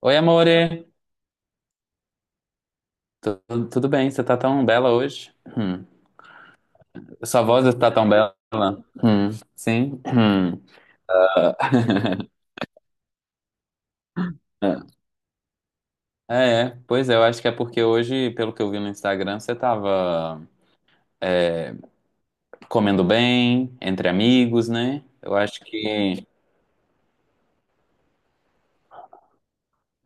Oi, amore. Tu- Tudo bem? Você tá tão bela hoje? Hum. Sua voz está tão bela? Hum. Sim? Hum. É. Pois é, eu acho que é porque hoje, pelo que eu vi no Instagram, você tava comendo bem, entre amigos, né? Eu acho que,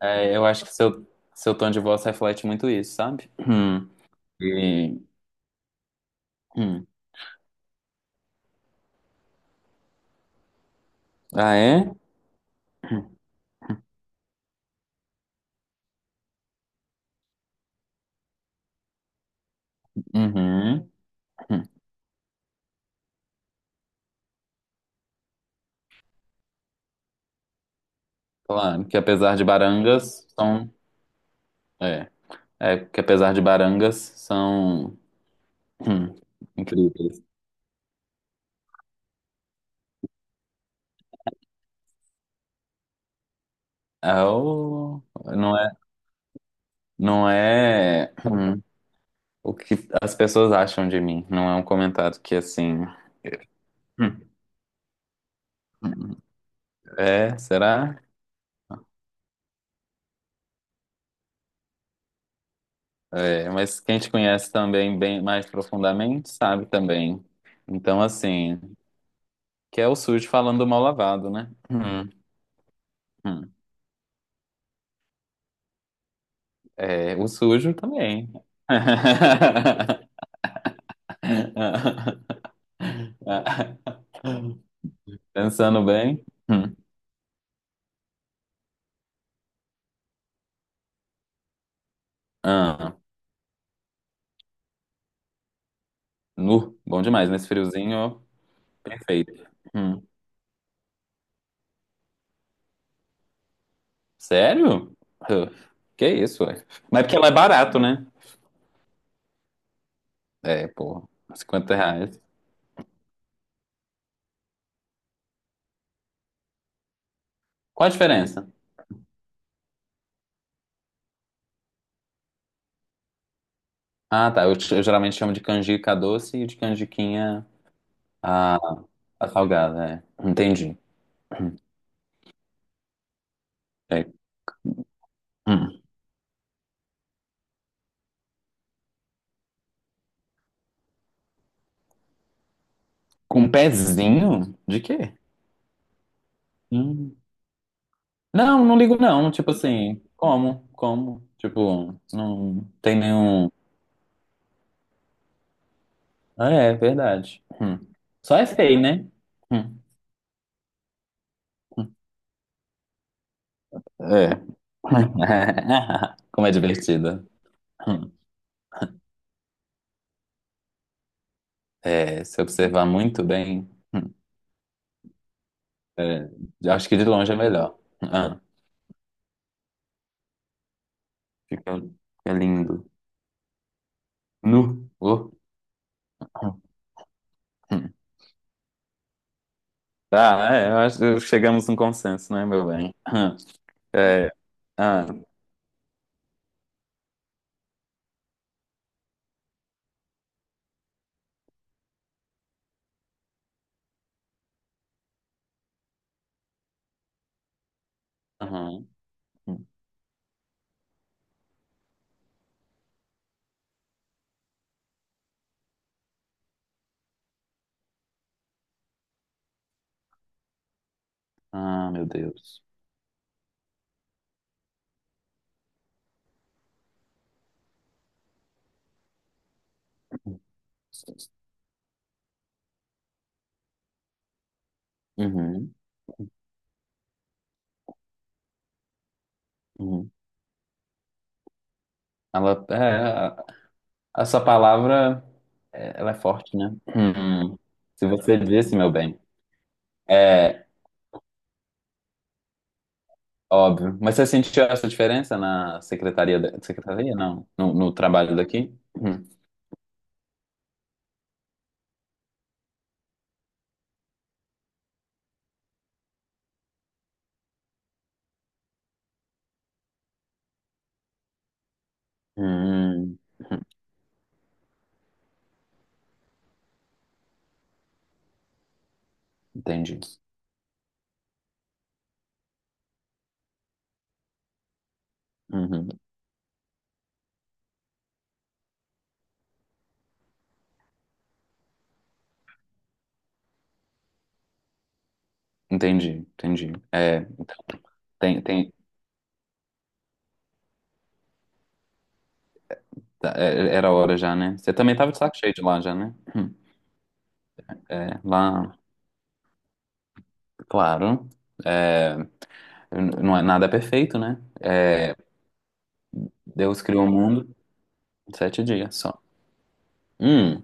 é, eu acho que seu tom de voz reflete muito isso, sabe? Hum. E, hum. Ah, é? Uhum. Hum. Claro, que apesar de barangas, são. É, é, que apesar de barangas, são. Hum, incríveis. É o. Não é, não é o que as pessoas acham de mim. Não é um comentário que assim. hum, É, será? É, mas quem te conhece também bem mais profundamente sabe também. Então, assim, que é o sujo falando mal lavado, né? Hum. É, o sujo também. Pensando bem. Hum. Ah. Nu, bom demais, nesse friozinho, perfeito. Hum. Sério? Hã, que isso, ué? Mas é porque ela é barato, né? É, pô, R$ 50. Qual a diferença? Ah, tá, eu geralmente chamo de canjica doce e de canjiquinha a, a salgada, é. Entendi. É. Hum. Com pezinho? De quê? Hum. Não, não ligo não, tipo assim, como, tipo, não tem nenhum. Ah, é, verdade. Hum. Só é feio, né? Hum. É. Como é divertida. É, se observar muito bem, é, acho que de longe é melhor. Ah, fica, fica lindo. Nu. Tá, é, eu acho que chegamos num consenso, né, meu bem? É, ah, uhum. Ah, meu Deus. Uhum, uhum. Ela, é, a- Essa palavra, é, ela é forte, né? Uhum. Se você disse, meu bem. É. Óbvio. Mas você sentiu essa diferença na secretaria? Secretaria? Não. No trabalho daqui? Hum. Hum. Hum. Entendi. Uhum. Entendi, entendi. É, então, tem, tá, é, era hora já, né? Você também tava de saco cheio de lá já, né? Hum. É, lá, claro. É, não é nada é perfeito, né? É, Deus criou o mundo em 7 dias só. Hum,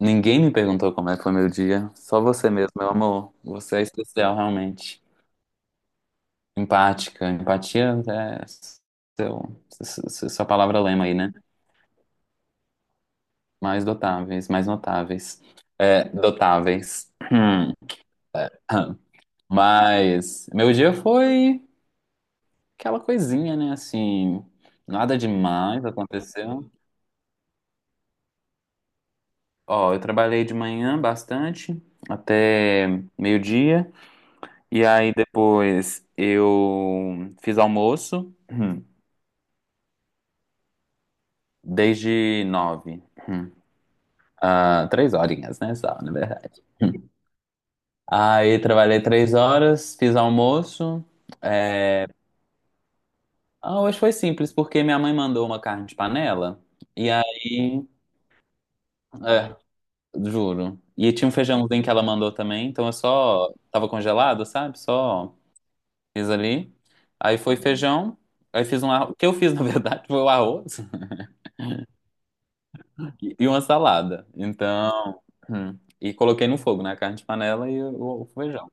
ninguém me perguntou como é que foi meu dia. Só você mesmo, meu amor. Você é especial, realmente. Empática. Empatia é seu, su- sua palavra lema aí, né? Mais dotáveis, mais notáveis. É, dotáveis. Hum. Mas meu dia foi aquela coisinha, né? Assim, nada demais aconteceu. Ó, eu trabalhei de manhã bastante, até meio-dia. E aí depois eu fiz almoço. Desde nove. hum, Ah, três horinhas, né? Só, na verdade. Aí trabalhei 3 horas, fiz almoço. Ah, hoje foi simples, porque minha mãe mandou uma carne de panela. E aí, é, juro. E tinha um feijãozinho que ela mandou também, então eu só tava congelado, sabe? Só fiz ali. Aí foi feijão, aí fiz um arroz. O que eu fiz, na verdade, foi o arroz e uma salada. Então, e coloquei no fogo, né? A carne de panela e o feijão.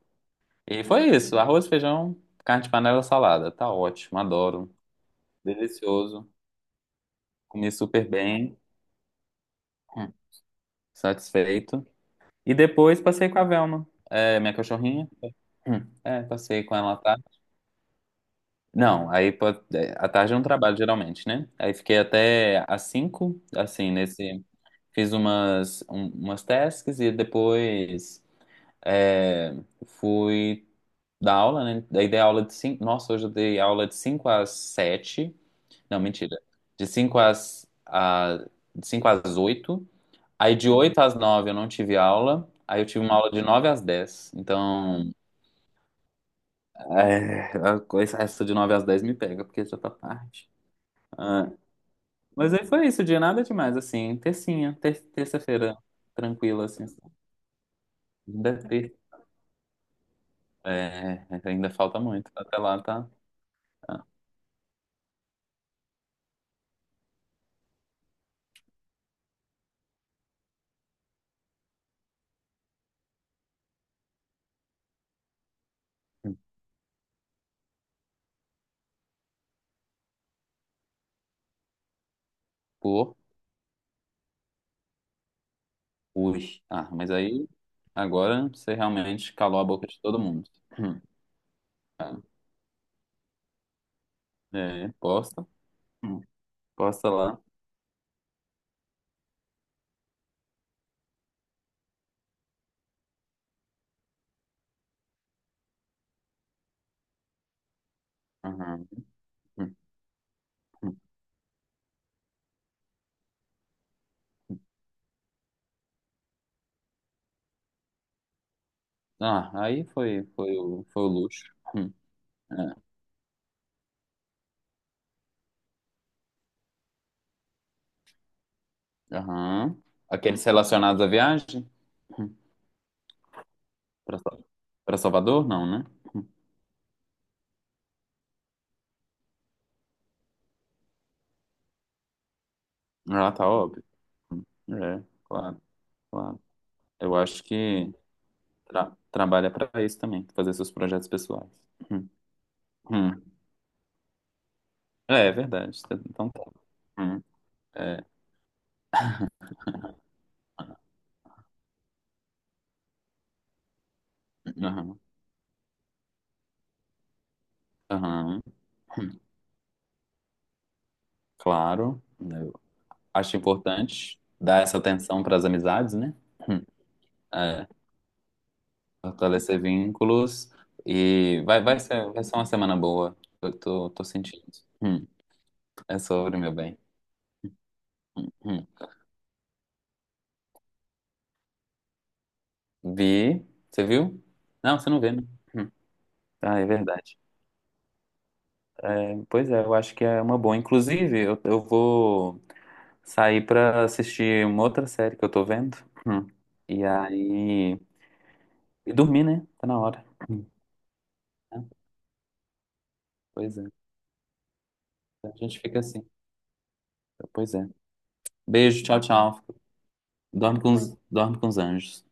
E foi isso, arroz, feijão, carne de panela, salada. Tá ótimo, adoro. Delicioso. Comi super bem, hum, satisfeito. E depois passei com a Velma, minha cachorrinha. É, passei com ela à tarde. Não, aí à tarde é um trabalho geralmente, né? Aí fiquei até às 5 assim, nesse. Fiz umas tasks e depois é, fui dar aula, né? Daí dei aula de cinco. Nossa, hoje eu dei aula de 5 às sete. Não, mentira. De 5 às, a, de 5 às oito. Aí de 8 às 9 eu não tive aula. Aí eu tive uma aula de nove às dez. Então, a coisa, essa de 9 às 10 me pega, porque já tá tarde. Ah, mas aí foi isso, de nada demais, assim. Tercinha, terça-feira, tranquila, assim. Ainda é ter, é, ainda falta muito. Até lá tá. tá. Por. Ui. Ah, mas aí agora você realmente calou a boca de todo mundo. Hum. É, posta. Hum. Posta lá. Aham. Hum, hum. Ah, aí foi o luxo. É. Aham. Aqueles relacionados à viagem? Hum. Pra, Sa- pra Salvador? Não, né? Ah, tá óbvio. Hum, É, claro, claro. Eu acho que trabalha pra isso também, fazer seus projetos pessoais. Hum, hum. É verdade. Então tá. Hum, é, aham, aham, claro. Eu acho importante dar essa atenção para as amizades, né? Hum, é. Fortalecer vínculos e vai ser uma semana boa. Eu tô sentindo. Hum, é sobre, meu bem. Hum. Vi, você viu? Não, você não vê, né? Hum. Ah, é verdade. É, pois é, eu acho que é uma boa. Inclusive, eu vou sair pra assistir uma outra série que eu tô vendo. Hum. E aí. E dormir, né? Tá na hora. Hum. É, pois é. A gente fica assim. Pois é. Beijo, tchau, tchau. Dorme com os anjos.